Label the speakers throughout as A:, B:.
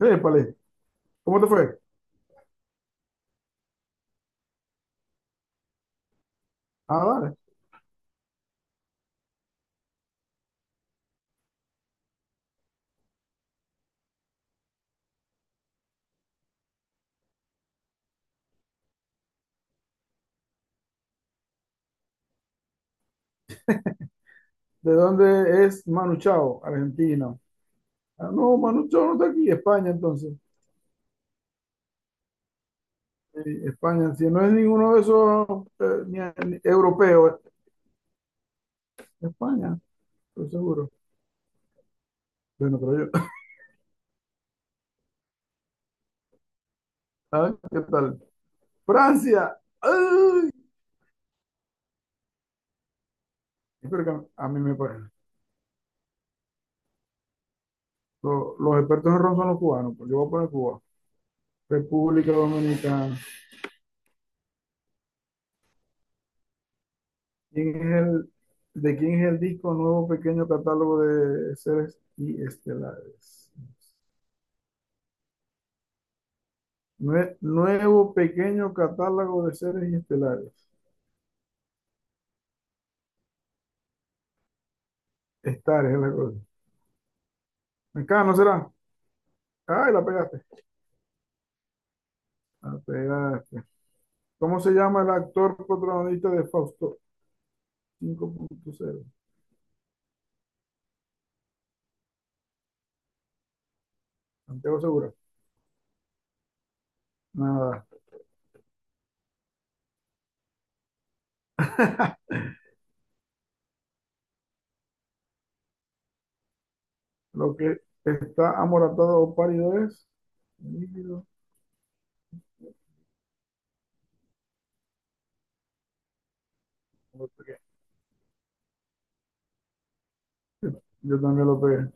A: Épale, ¿cómo te fue? Ah, vale. ¿De dónde es Manu Chao? Argentina. Ah, no, Manu Chao no está aquí, España entonces. España, si no es ninguno de esos ni europeos, España, estoy seguro. Bueno, pero yo, ah, ¿qué tal? Francia. ¡Ay! Espero que a mí me paguen. Los expertos en ron son los cubanos, pues yo voy a poner Cuba. República Dominicana. ¿Quién es el, de quién es el disco Nuevo Pequeño Catálogo de Seres y Estelares? Nuevo Pequeño Catálogo de Seres Estelares. Estares es la cosa. Acá no será. Ay, la pegaste. La pegaste. ¿Cómo se llama el actor protagonista de Fausto cinco punto cero? Santiago Segura. Nada. Lo que está amoratado o pálido es. Líquido. Lo pegué. Yo también lo pegué.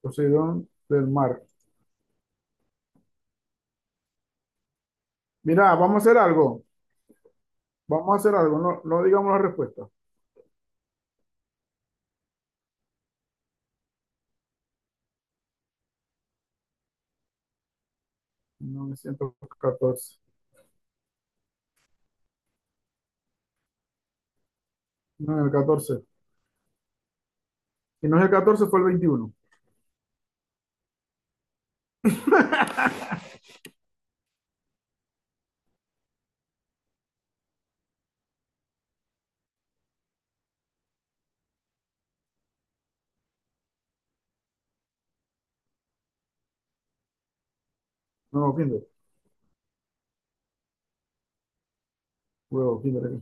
A: Poseidón, del mar. Mira, vamos a hacer algo. Vamos a hacer algo. No, no digamos la respuesta. 914. No, el 14. Si no es el 14, fue el 21. No, Kinder, huevo, Kinder,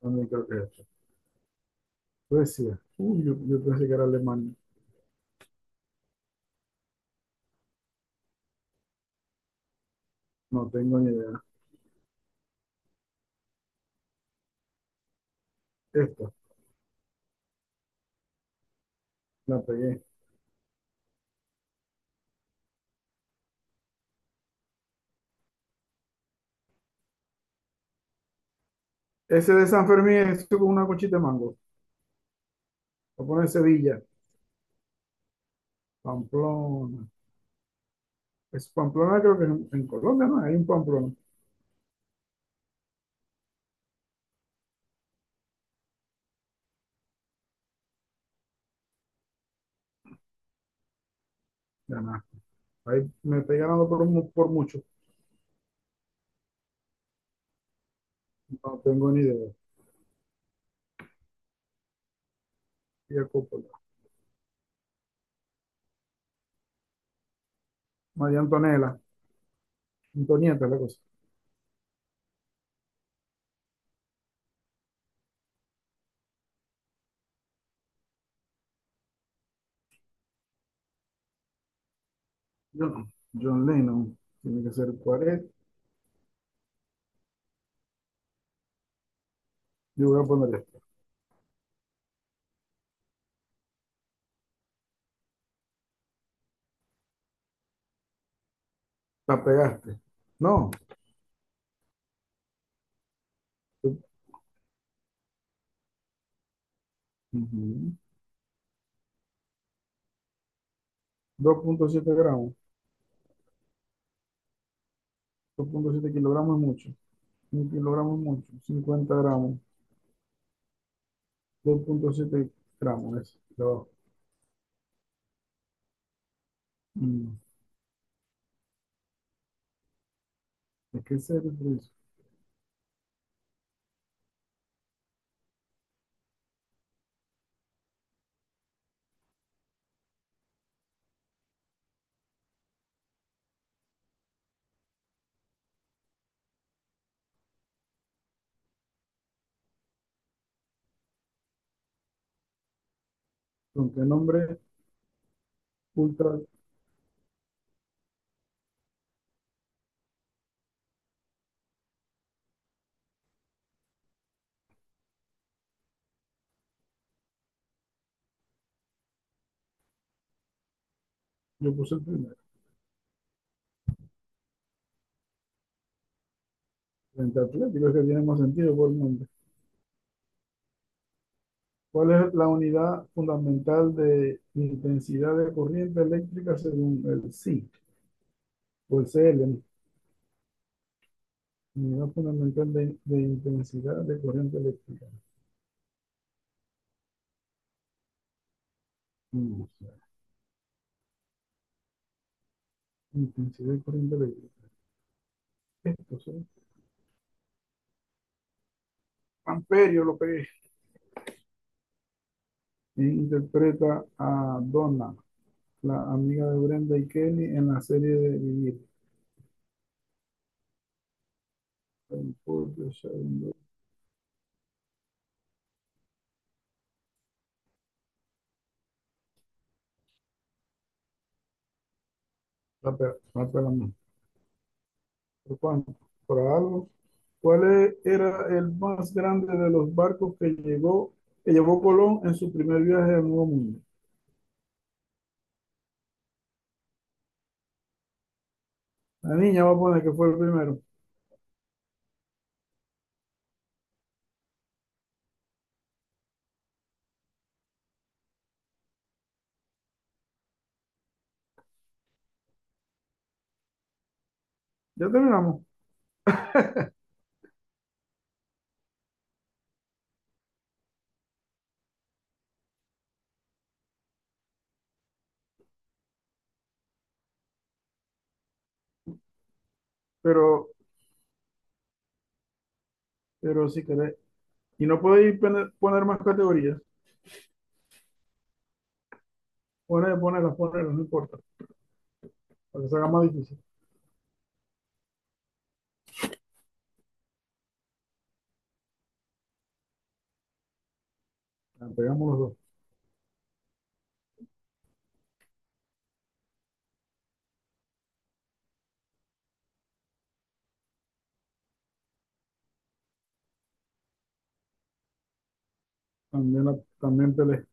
A: también creo que es esta. Suecia. Uy, yo pensé que era Alemania. No tengo ni idea. Esta, la pegué. Ese de San Fermín es con una conchita de mango. Voy a poner Sevilla, Pamplona. Es Pamplona, creo que en Colombia no hay un Pamplona. Ya nada. Ahí me estoy ganando por, por mucho. No tengo ni idea. Tía Coppola. María Antonella. Antonieta es la cosa. Yo no. John Lennon. Tiene que ser 40. Yo voy a poner esta. La pegaste. No. Ujú. 2,7 g. 2,7 kg es mucho. Un kilogramo es mucho. 50 g. Dos punto siete gramos es. De abajo. Mm, Es que ese es el precio. ¿Con qué nombre ultra? Yo puse el primero. Frente atlético es que tiene más sentido por el nombre. ¿Cuál es la unidad fundamental de intensidad de corriente eléctrica según el SI o el CL? Unidad fundamental de intensidad de corriente eléctrica. Mm, intensidad de corriente eléctrica. Esto, ¿sí? Amperio, lo pegué. E interpreta a Donna, la amiga de Brenda y Kelly en la serie de Vivir. El. ¿Por cuánto? ¿Por algo? ¿Cuál era el más grande de los barcos que llegó, que llevó Colón en su primer viaje al Nuevo Mundo? La niña va a poner que fue el primero. Ya terminamos, pero, pero si querés. Y no podéis poner, más categorías. Poner, ponerlas, no importa. Para que se haga más difícil. La pegamos los dos. También, también peleé.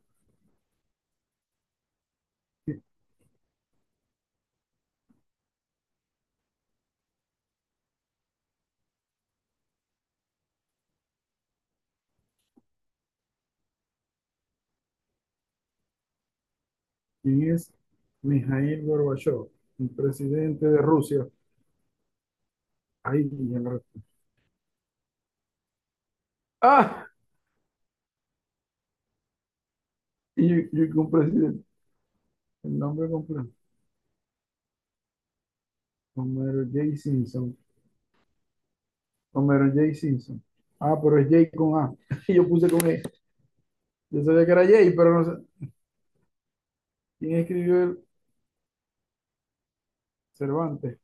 A: ¿Quién es Mijaíl Gorbachov? El presidente de Rusia. Ahí, ya la respuesta. ¡Ah! Y yo con presidente. El nombre completo. Homero J. Simpson. Homero J. Simpson. Ah, pero es J con A. Y yo puse con E. Yo sabía que era J, pero no sé. ¿Quién escribió el Cervantes?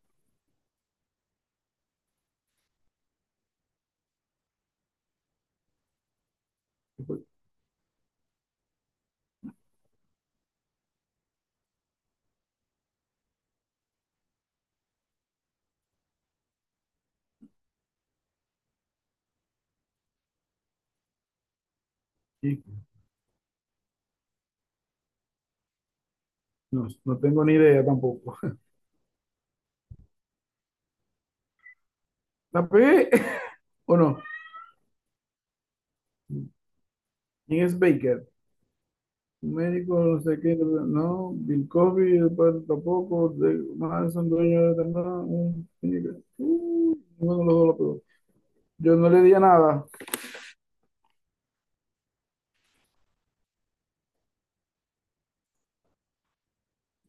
A: No, no tengo ni idea tampoco. ¿La pegué o no? ¿Quién es Baker? Médico, no sé qué, no, Bill Cosby, después tampoco, de, Manson, dueño de nada, un, ninguno de los dos lo pegó. Yo no le di a nada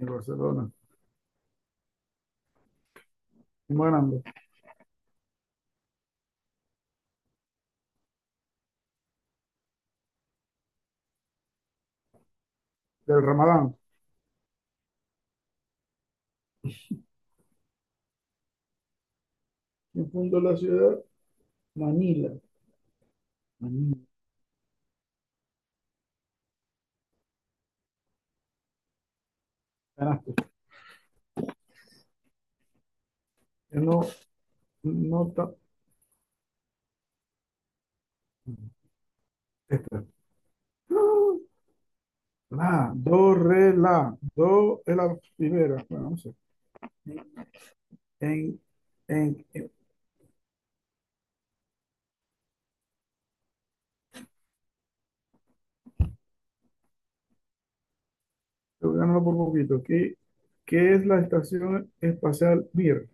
A: en Barcelona, fuimos ganando, del Ramadán. ¿Quién fundó la ciudad? Manila, Manila, ganaste. Yo no, no, la, do, re, la, do es la primera, bueno, no sé. En, en, en- yo gano por poquito. ¿Qué es la Estación Espacial Mir?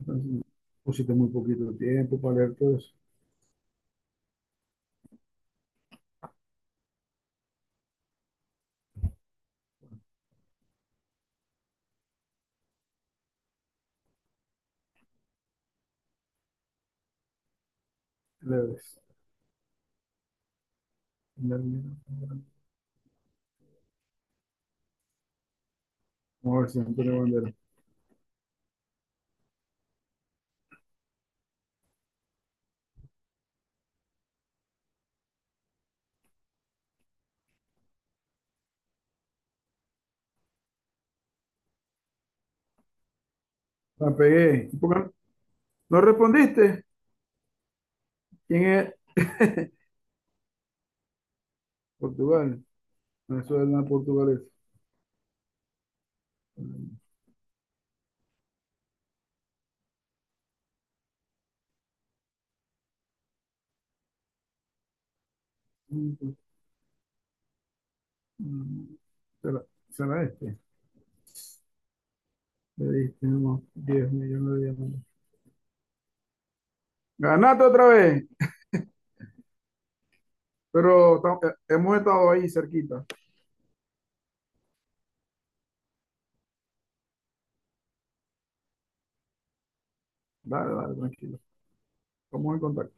A: Entonces, pusiste muy poquito tiempo para leer todo eso. Leves. Vamos a ver si Antonio Bandera. La pegué. ¿Por qué? ¿No? ¿No respondiste? ¿Quién es? Portugal. Venezuela, Portugal es. Será, será este. Le diste unos 10 millones de diamantes. Ganate otra vez, pero hemos estado ahí cerquita. Dale, dale, tranquilo. Estamos en contacto.